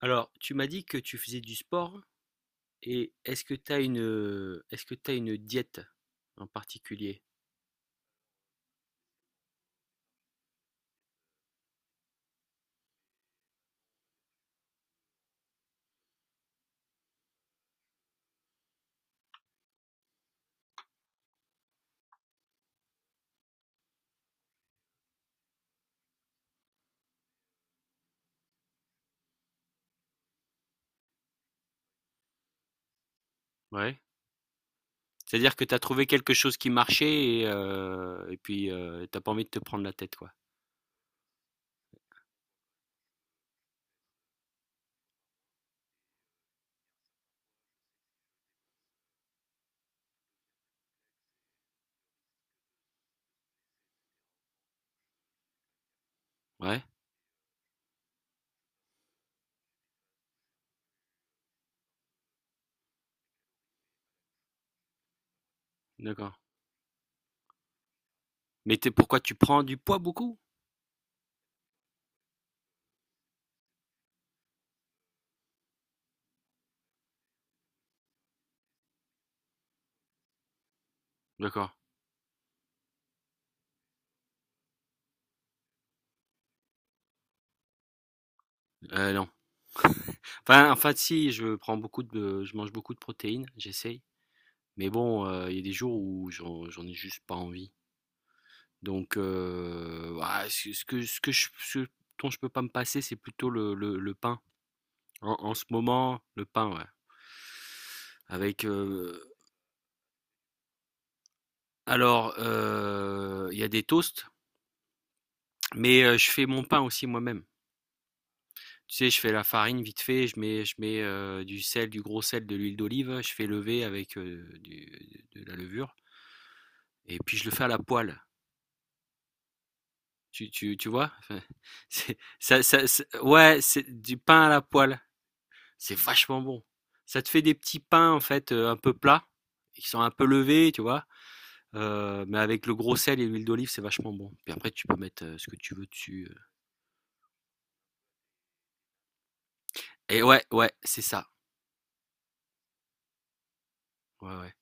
Alors, tu m'as dit que tu faisais du sport et est-ce que tu as une est-ce que tu une diète en particulier? Ouais. C'est-à-dire que tu as trouvé quelque chose qui marchait et puis t'as pas envie de te prendre la tête, quoi. Ouais, d'accord. Mais pourquoi tu prends du poids beaucoup? D'accord. Non. Enfin, si, je mange beaucoup de protéines, j'essaye. Mais bon, il y a des jours où j'en ai juste pas envie. Donc, ah, ce ce que je ce dont je peux pas me passer, c'est plutôt le pain. En ce moment, le pain, ouais. Avec, alors, il y a des toasts, mais je fais mon pain aussi moi-même. Tu sais, je fais la farine vite fait, je mets, du sel, du gros sel, de l'huile d'olive, je fais lever avec, du de la levure et puis je le fais à la poêle. Tu vois? Enfin, c'est, ça- ouais, c'est du pain à la poêle. C'est vachement bon. Ça te fait des petits pains, en fait, un peu plats, qui sont un peu levés, tu vois. Mais avec le gros sel et l'huile d'olive, c'est vachement bon. Puis après, tu peux mettre ce que tu veux dessus. Et ouais, ouais, c'est ça. Ouais, ouais.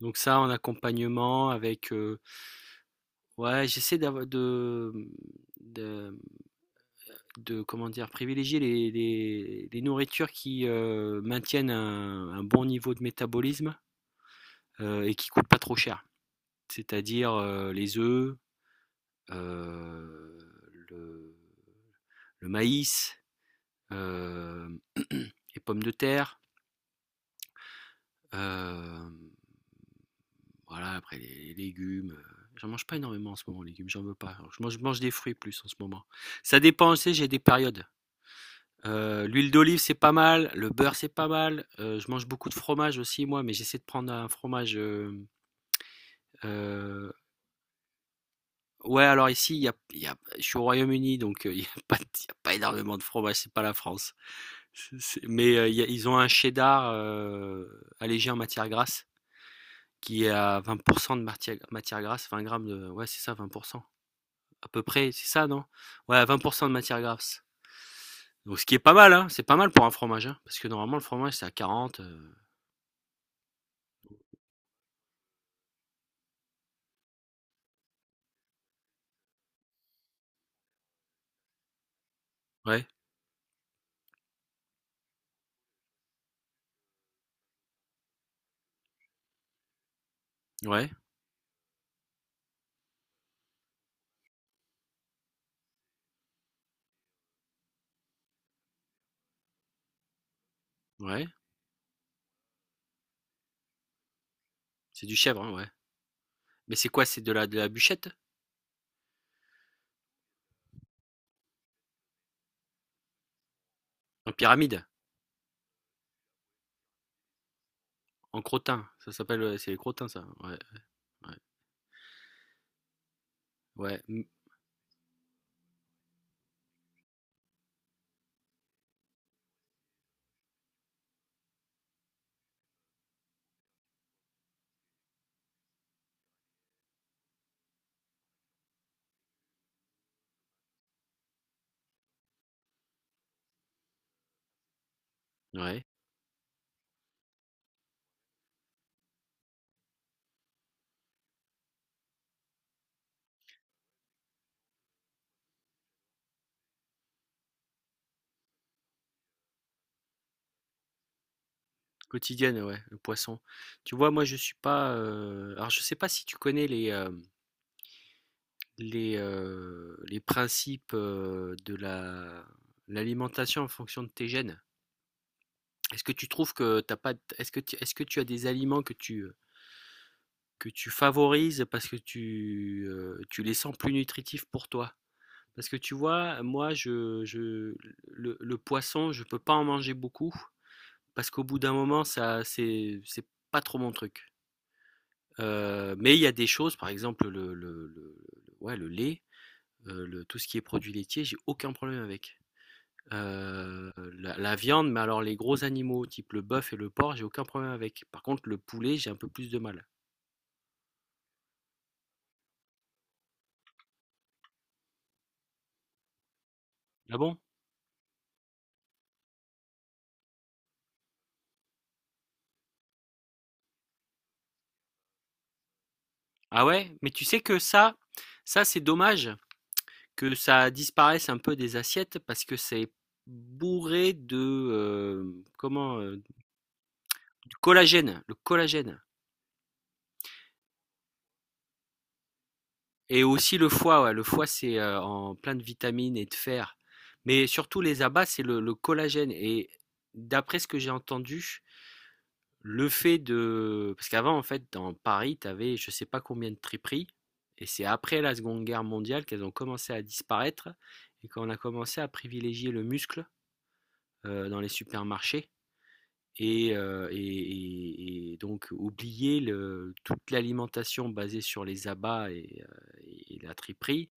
Donc ça, en accompagnement, avec, ouais, j'essaie d'avoir de, Comment dire? Privilégier les nourritures qui maintiennent un bon niveau de métabolisme, et qui ne coûtent pas trop cher. C'est-à-dire les œufs, euh, le, le maïs, euh, les pommes de terre, euh, voilà, après les légumes. J'en mange pas énormément en ce moment, les légumes, j'en veux pas. Alors, je mange des fruits plus en ce moment. Ça dépend, tu sais, j'ai des périodes. L'huile d'olive, c'est pas mal, le beurre, c'est pas mal. Je mange beaucoup de fromage aussi, moi, mais j'essaie de prendre un fromage, euh, ouais, alors ici, il y a je suis au Royaume-Uni, donc, il y a pas énormément de fromage, c'est pas la France. C'est Mais, il y a ils ont un cheddar, allégé en matière grasse qui est à 20 de matière grasse, 20 grammes de, ouais, c'est ça, 20 à peu près, c'est ça, non? Ouais, 20 de matière grasse. Donc ce qui est pas mal, hein, c'est pas mal pour un fromage, hein, parce que normalement le fromage c'est à 40, ouais, ouais, ouais, c'est du chèvre, hein, ouais. Mais c'est quoi? C'est de la bûchette? En pyramide? En crottin? Ça s'appelle, c'est les crottins ça? Ouais, ouais. Ouais, mmh, ouais, quotidienne, ouais, le poisson. Tu vois, moi, je suis pas, alors, je sais pas si tu connais les principes, de la l'alimentation en fonction de tes gènes. Est-ce que tu trouves que t'as pas. Est-ce que tu as des aliments que tu favorises parce que tu les sens plus nutritifs pour toi? Parce que tu vois, moi, je le poisson, je peux pas en manger beaucoup parce qu'au bout d'un moment, ça c'est pas trop mon truc. Mais il y a des choses, par exemple, le ouais, le lait, le tout ce qui est produits laitiers, j'ai aucun problème avec. Heu, la viande, mais alors les gros animaux, type le bœuf et le porc, j'ai aucun problème avec. Par contre, le poulet, j'ai un peu plus de mal. Ah bon? Ah ouais? Mais tu sais que ça, c'est dommage que ça disparaisse un peu des assiettes parce que c'est bourré de, comment, du collagène, le collagène. Et aussi le foie, ouais. Le foie, c'est en plein de vitamines et de fer. Mais surtout les abats, c'est le collagène. Et d'après ce que j'ai entendu. Parce qu'avant, en fait, dans Paris, tu avais je sais pas combien de triperies. Et c'est après la Seconde Guerre mondiale qu'elles ont commencé à disparaître. Et qu'on a commencé à privilégier le muscle, dans les supermarchés. Et donc oublier toute l'alimentation basée sur les abats et la triperie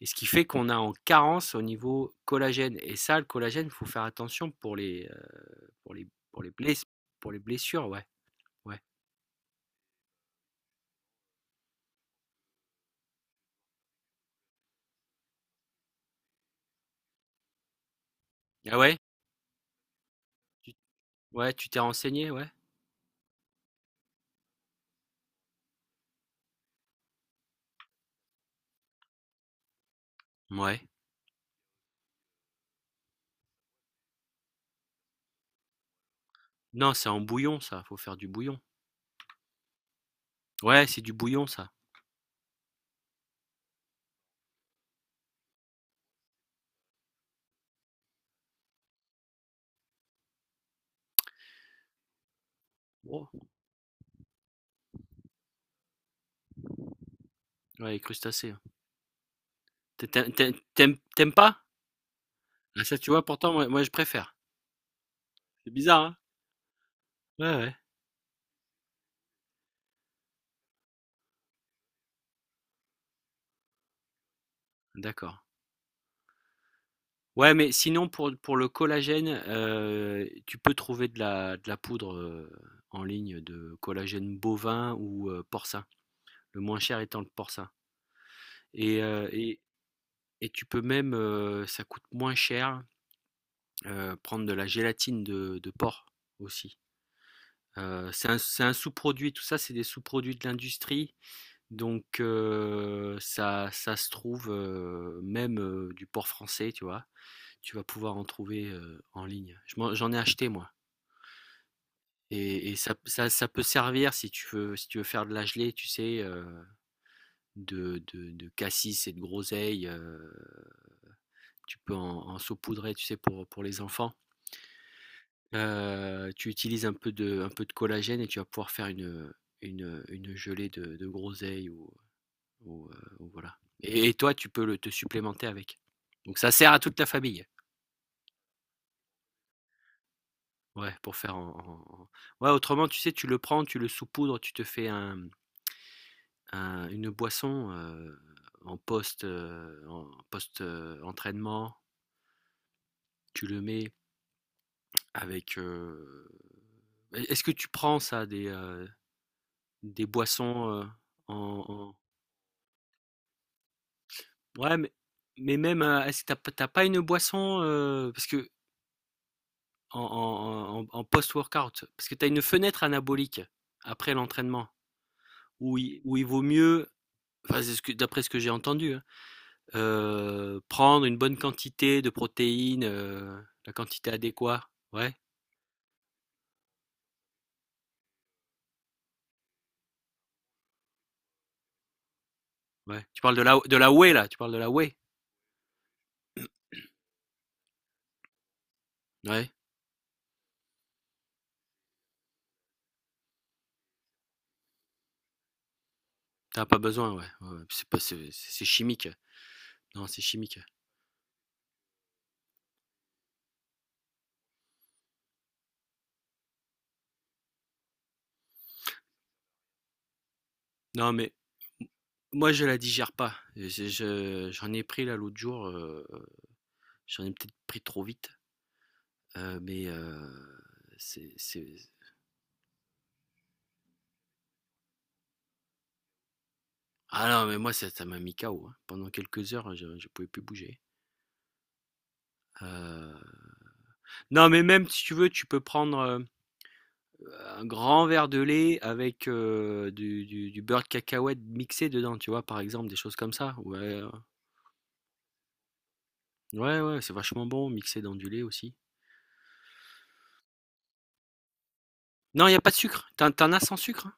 et ce qui fait qu'on a en carence au niveau collagène. Et ça, le collagène, il faut faire attention pour les, pour les, pour les, bless- pour les blessures, ouais. Ouais. Ah ouais tu, Ouais, tu t'es renseigné, ouais. Ouais. Non, c'est en bouillon, ça. Faut faire du bouillon. Ouais, c'est du bouillon, ça. Oh, ouais, les crustacés, hein. T'aimes pas. Ah, ça, tu vois, pourtant, moi, moi, je préfère. C'est bizarre, hein. Ouais, ouais. D'accord. Ouais, mais sinon pour le collagène, tu peux trouver de la poudre, en ligne de collagène bovin ou, porcin. Le moins cher étant le porcin et heu et et tu peux même, ça coûte moins cher, prendre de la gélatine de porc aussi. C'est un sous-produit, tout ça, c'est des sous-produits de l'industrie, donc, ça se trouve, même, du porc français, tu vois? Tu vas pouvoir en trouver, en ligne. Je m'en J'en ai acheté moi. Et ça, peut servir si tu veux, si tu veux faire de la gelée, tu sais, de cassis et de groseille. Tu peux en saupoudrer, tu sais, pour les enfants. Tu utilises un peu de collagène et tu vas pouvoir faire une gelée de groseille ou voilà. Et toi, tu peux te supplémenter avec. Donc ça sert à toute la famille. Ouais, pour faire Ouais, autrement, tu sais, tu le prends, tu le saupoudres, tu te fais un, une boisson, en post, entraînement, tu le mets avec, est ce que tu prends ça des boissons, en en ouais, mais même, est-ce que t'as as p pas une boisson, parce que en post-workout, parce que tu as une fenêtre anabolique après l'entraînement où il vaut mieux enfin, c'est ce que d'après ce que j'ai entendu, hein. Prendre une bonne quantité de protéines, la quantité adéquate. Ouais, ouais. Tu parles de la whey là? Tu parles de la whey? Ouais, t'as pas besoin, ouais, ouais, ouais. C'est pas, c'est chimique. Non, c'est chimique. Non, mais moi je la digère pas. Et je j'en ai pris là l'autre jour, j'en ai peut-être pris trop vite, mais, c'est ah non, mais moi ça m'a mis KO, hein. Pendant quelques heures, je pouvais plus bouger. Heu, non, mais même si tu veux, tu peux prendre, un grand verre de lait avec du beurre de cacahuète mixé dedans, tu vois, par exemple, des choses comme ça. Ouais, ouais, ouais, c'est vachement bon, mixé dans du lait aussi. Non, il n'y a pas de sucre. T'en as sans sucre, hein?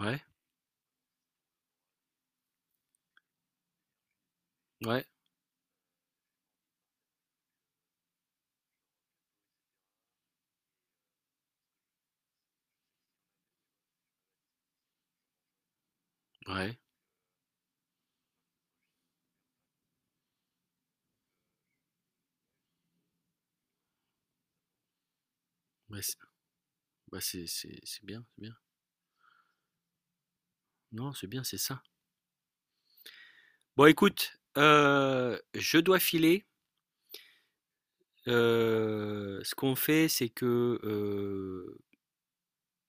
Ouais, ouais, ouais. Ouais, bah, c'est bien, c'est bien. Non, c'est bien, c'est ça. Bon, écoute, je dois filer. Ce qu'on fait, c'est que,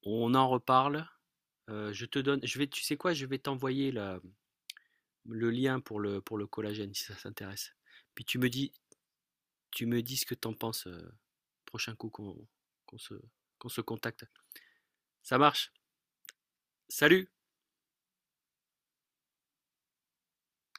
on en reparle. Je vais, tu sais quoi, je vais t'envoyer le lien pour le collagène, si ça s'intéresse. Puis tu me dis ce que t'en penses, prochain coup qu'on se, qu'on se contacte. Ça marche. Salut!